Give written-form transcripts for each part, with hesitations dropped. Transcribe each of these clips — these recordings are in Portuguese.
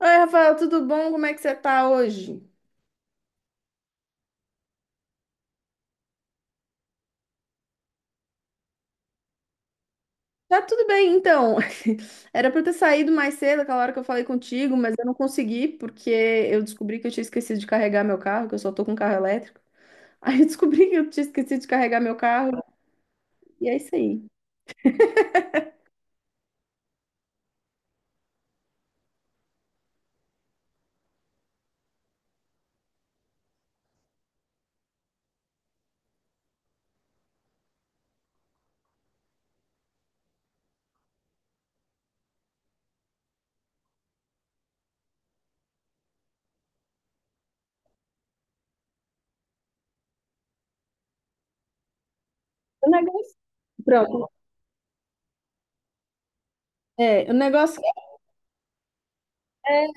Oi, Rafael, tudo bom? Como é que você tá hoje? Tá tudo bem, então. Era pra eu ter saído mais cedo, aquela hora que eu falei contigo, mas eu não consegui, porque eu descobri que eu tinha esquecido de carregar meu carro, que eu só tô com carro elétrico. Aí eu descobri que eu tinha esquecido de carregar meu carro, e é isso aí. O negócio, pronto, é, o negócio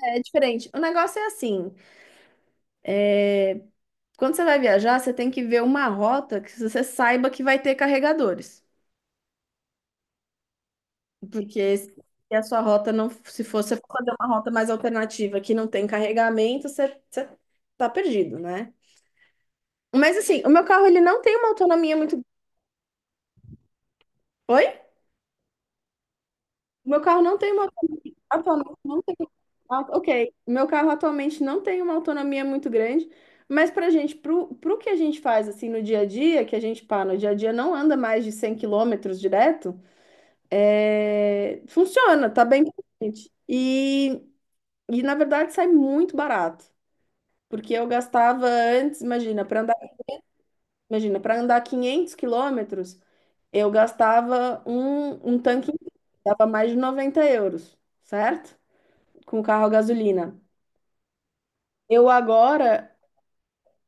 é diferente. O negócio é assim, quando você vai viajar, você tem que ver uma rota que você saiba que vai ter carregadores. Porque se a sua rota não, se fosse fazer uma rota mais alternativa que não tem carregamento, você tá perdido, né? Mas assim, o meu carro ele não tem uma autonomia muito. Oi? O meu carro não tem uma autonomia. Atualmente não tem. Ah, ok, o meu carro atualmente não tem uma autonomia muito grande, mas pra gente, pro que a gente faz assim no dia a dia, que a gente, pá, no dia a dia não anda mais de 100 quilômetros direto, funciona, tá bem pra gente. E na verdade sai muito barato. Porque eu gastava antes, imagina, para andar 500 quilômetros, eu gastava um tanque inteiro, dava mais de 90 euros, certo? Com carro a gasolina. Eu agora,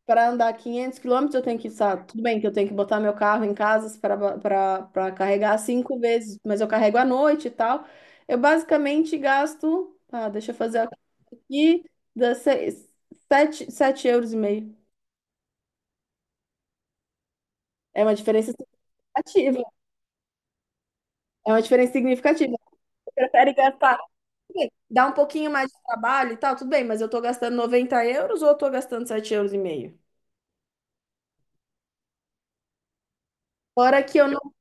para andar 500 quilômetros, eu tenho que, sabe, tudo bem que eu tenho que botar meu carro em casa para carregar cinco vezes, mas eu carrego à noite e tal. Eu basicamente gasto, ah, deixa eu fazer aqui, dá seis, sete, sete euros e meio. É uma diferença significativa. É uma diferença significativa. Você prefere gastar, tudo bem, dá um pouquinho mais de trabalho e tal, tudo bem, mas eu tô gastando 90 euros ou eu tô gastando sete euros e meio? Fora que eu não.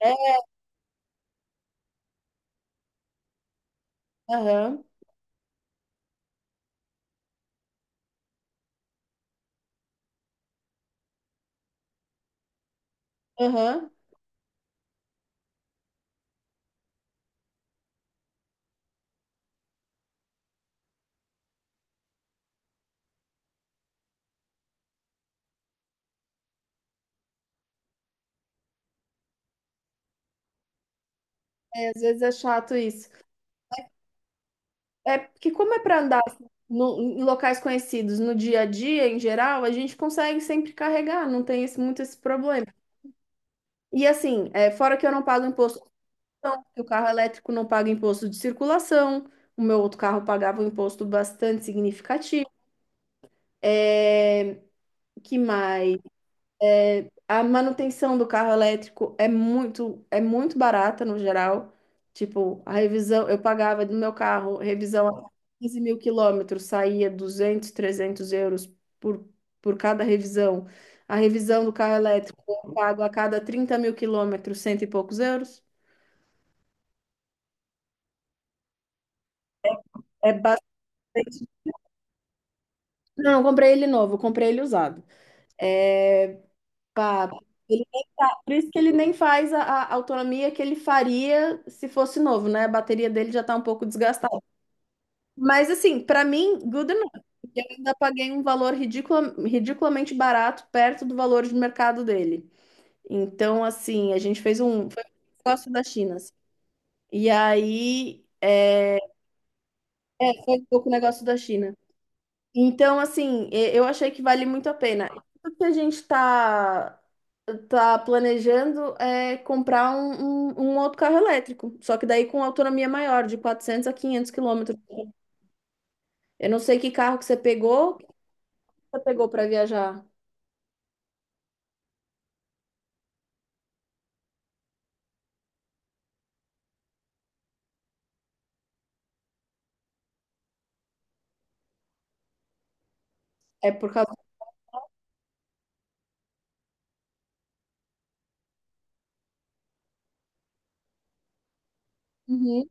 É, aham, aham. É, às vezes é chato isso. É porque, como é pra andar assim, em locais conhecidos no dia a dia, em geral, a gente consegue sempre carregar, não tem esse, muito esse problema. E assim, é, fora que eu não pago imposto, não, que o carro elétrico não paga imposto de circulação, o meu outro carro pagava um imposto bastante significativo. É, que mais? A manutenção do carro elétrico é muito barata no geral. Tipo, a revisão, eu pagava do meu carro, revisão a 15.000 quilômetros, saía 200 300 euros por, por cada revisão. A revisão do carro elétrico eu pago a cada 30.000 quilômetros, cento e poucos euros. É bastante. Não, eu comprei ele novo, eu comprei ele usado. É, pá, por isso que ele nem faz a autonomia que ele faria se fosse novo, né? A bateria dele já tá um pouco desgastada. Mas assim, pra mim, good enough. Eu ainda paguei um valor ridiculamente barato, perto do valor de mercado dele. Então, assim, a gente fez foi um negócio da China, assim. E aí, foi um pouco negócio da China. Então, assim, eu achei que vale muito a pena. O que a gente está tá tá planejando é comprar um outro carro elétrico, só que daí com autonomia maior, de 400 a 500 quilômetros. Eu não sei que carro que você pegou, para viajar. É por causa. Uhum.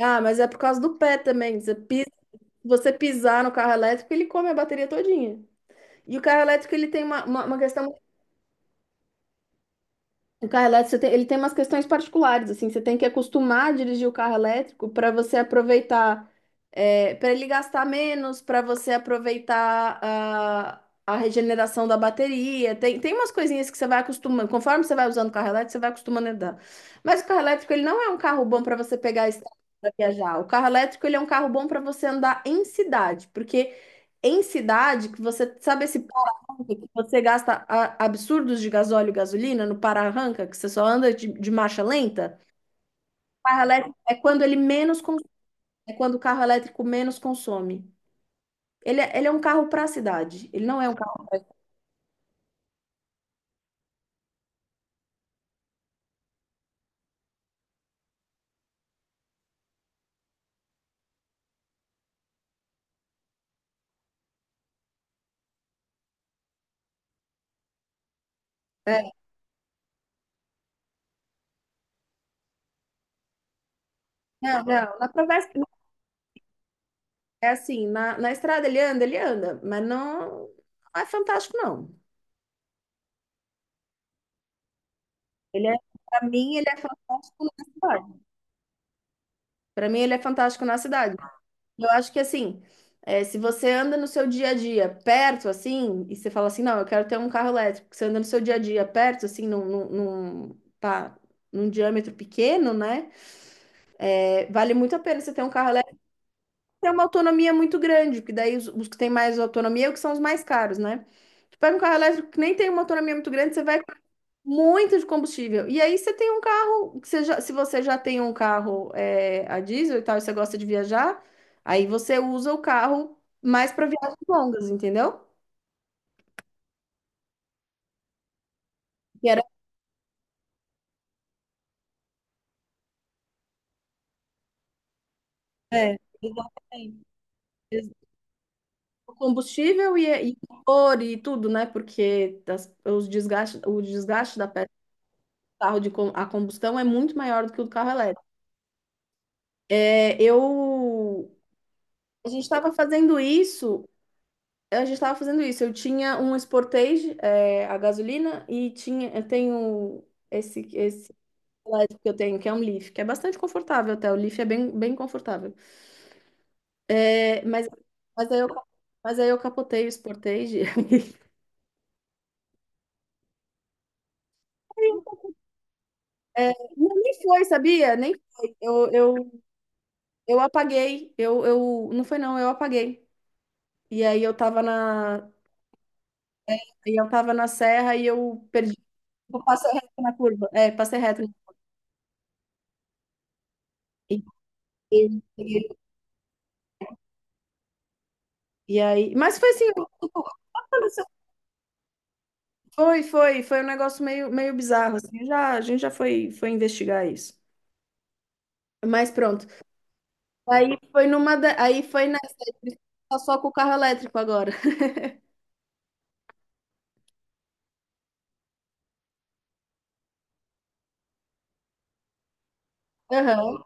Ah, mas é por causa do pé também. Você pisar no carro elétrico, ele come a bateria todinha. E o carro elétrico, ele tem uma questão. O carro elétrico, ele tem umas questões particulares, assim, você tem que acostumar a dirigir o carro elétrico para você aproveitar, para ele gastar menos, para você aproveitar a regeneração da bateria. Tem, tem umas coisinhas que você vai acostumando, conforme você vai usando o carro elétrico, você vai acostumando a andar. Mas o carro elétrico, ele não é um carro bom para você pegar a estrada para viajar. O carro elétrico, ele é um carro bom para você andar em cidade, porque em cidade, que você sabe esse que você gasta absurdos de gasóleo e gasolina no para-arranca, que você só anda de marcha lenta. O carro elétrico é quando ele menos cons- é quando o carro elétrico menos consome. Ele é um carro para a cidade. Ele não é um carro. É, não, não. Na travessa, é assim, na estrada ele anda, mas não, não é fantástico, não. Ele é, para mim, ele é fantástico na cidade. Para mim, ele é fantástico na cidade. Eu acho que assim, é, se você anda no seu dia a dia perto, assim, e você fala assim, não, eu quero ter um carro elétrico, você anda no seu dia a dia perto, assim, pá, num diâmetro pequeno, né? É, vale muito a pena você ter um carro elétrico, tem uma autonomia muito grande, porque daí os que têm mais autonomia é o que são os mais caros, né? Tu pega um carro elétrico que nem tem uma autonomia muito grande, você vai muito de combustível. E aí você tem um carro, que se você já tem um carro é, a diesel e tal, e você gosta de viajar, aí você usa o carro mais para viagens longas, entendeu? Que era, é, exatamente. O combustível e o motor e tudo, né? Porque o desgaste da peça do carro a combustão é muito maior do que o do carro elétrico. É, eu, a gente estava fazendo isso. A gente estava fazendo isso. Eu tinha um Sportage, é, a gasolina, e tinha, eu tenho esse que eu tenho, que é um Leaf, que é bastante confortável até. O Leaf é bem, bem confortável. É, mas, aí eu, mas aí eu capotei o Sportage. É, não, nem foi, sabia? Nem foi. Eu apaguei. Não foi, não, eu apaguei. E aí eu tava na serra e eu perdi. Eu passei reto na curva. É, passei reto. E, E aí, mas foi assim, aconteceu- foi, foi um negócio meio, meio bizarro, assim, já, a gente já foi investigar isso. Mas pronto. Aí foi nessa, só com o carro elétrico agora. Aham.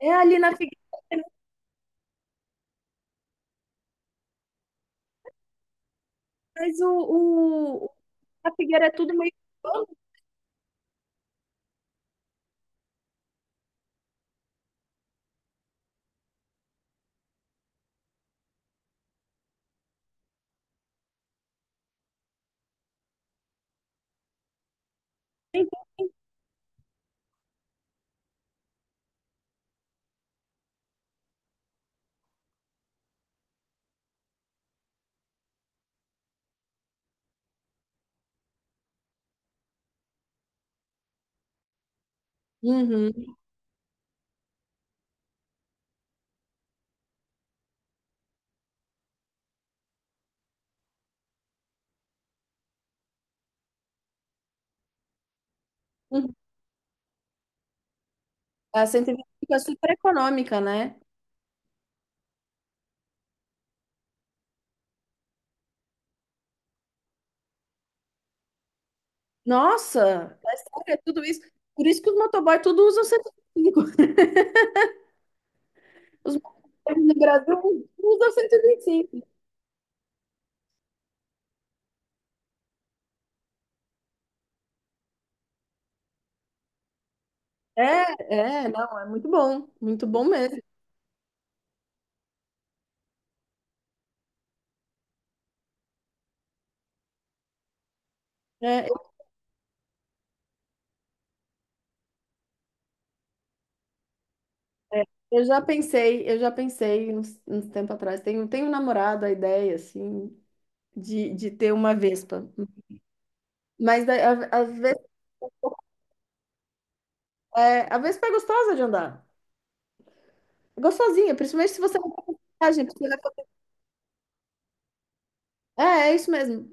É ali na Figueira, mas a Figueira é tudo meio urbano. Uhum, uhum. A 125 é super econômica, né? Nossa, é sério, é tudo isso. Por isso que os motoboy tudo usam 125. Os motoboys no Brasil usam 125. É, não, é muito bom mesmo. É, eu já pensei uns tempo atrás, tenho namorado a ideia, assim, de ter uma Vespa. Mas daí a, Ves- a Vespa é gostosa de andar, é gostosinha, principalmente se você não tá coragem, porque ela- É isso mesmo.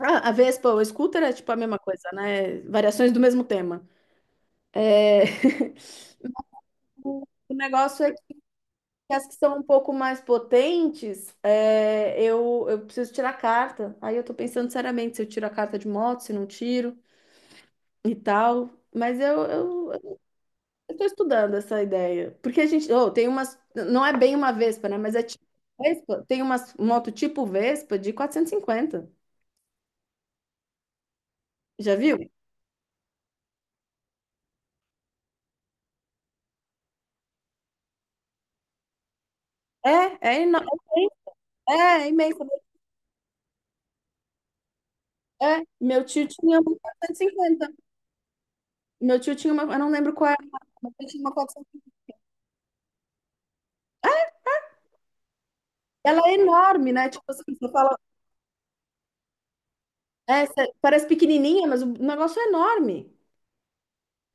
Ah, a Vespa, o scooter é tipo a mesma coisa, né? Variações do mesmo tema. É... o negócio é. E as que são um pouco mais potentes, eu preciso tirar a carta. Aí eu tô pensando seriamente se eu tiro a carta de moto, se não tiro e tal. Mas eu tô estudando essa ideia. Porque a gente, oh, tem umas, não é bem uma Vespa, né? Mas é tipo Vespa. Tem umas moto tipo Vespa de 450. Já viu? É, é, ino- é imensa. É, meu tio tinha uma 450. Meu tio tinha uma, eu não lembro qual era, mas ele tinha uma 450. Ela é enorme, né? Tipo assim, você fala, é, parece pequenininha, mas o negócio é enorme.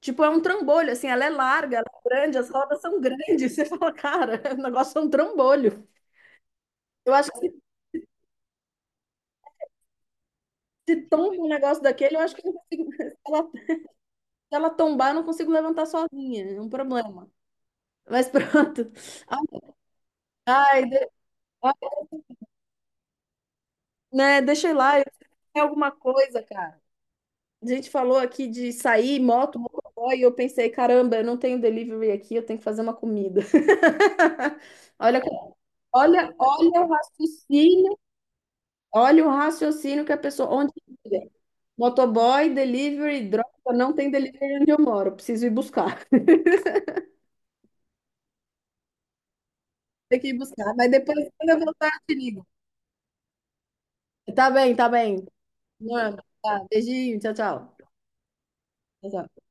Tipo, é um trambolho, assim, ela é larga, ela é grande, as rodas são grandes. Você fala, cara, o negócio é um trambolho. Eu acho que se tomba um negócio daquele, eu acho que eu não consigo. Se ela, se ela tombar, eu não consigo levantar sozinha, é um problema. Mas pronto. Ai, de- ai, né, deixa eu ir lá, eu preciso fazer alguma coisa, cara. A gente falou aqui de sair, moto, motoboy, e eu pensei, caramba, eu não tenho delivery aqui, eu tenho que fazer uma comida. Olha. Olha, olha o raciocínio que a pessoa, onde tiver. Motoboy, delivery, droga, não tem delivery onde eu moro, preciso ir buscar. Tem que ir buscar, mas depois, quando eu voltar, eu te ligo. Tá bem, tá bem. Norma, tá, beijinho, tchau, tchau. Tchau, tchau.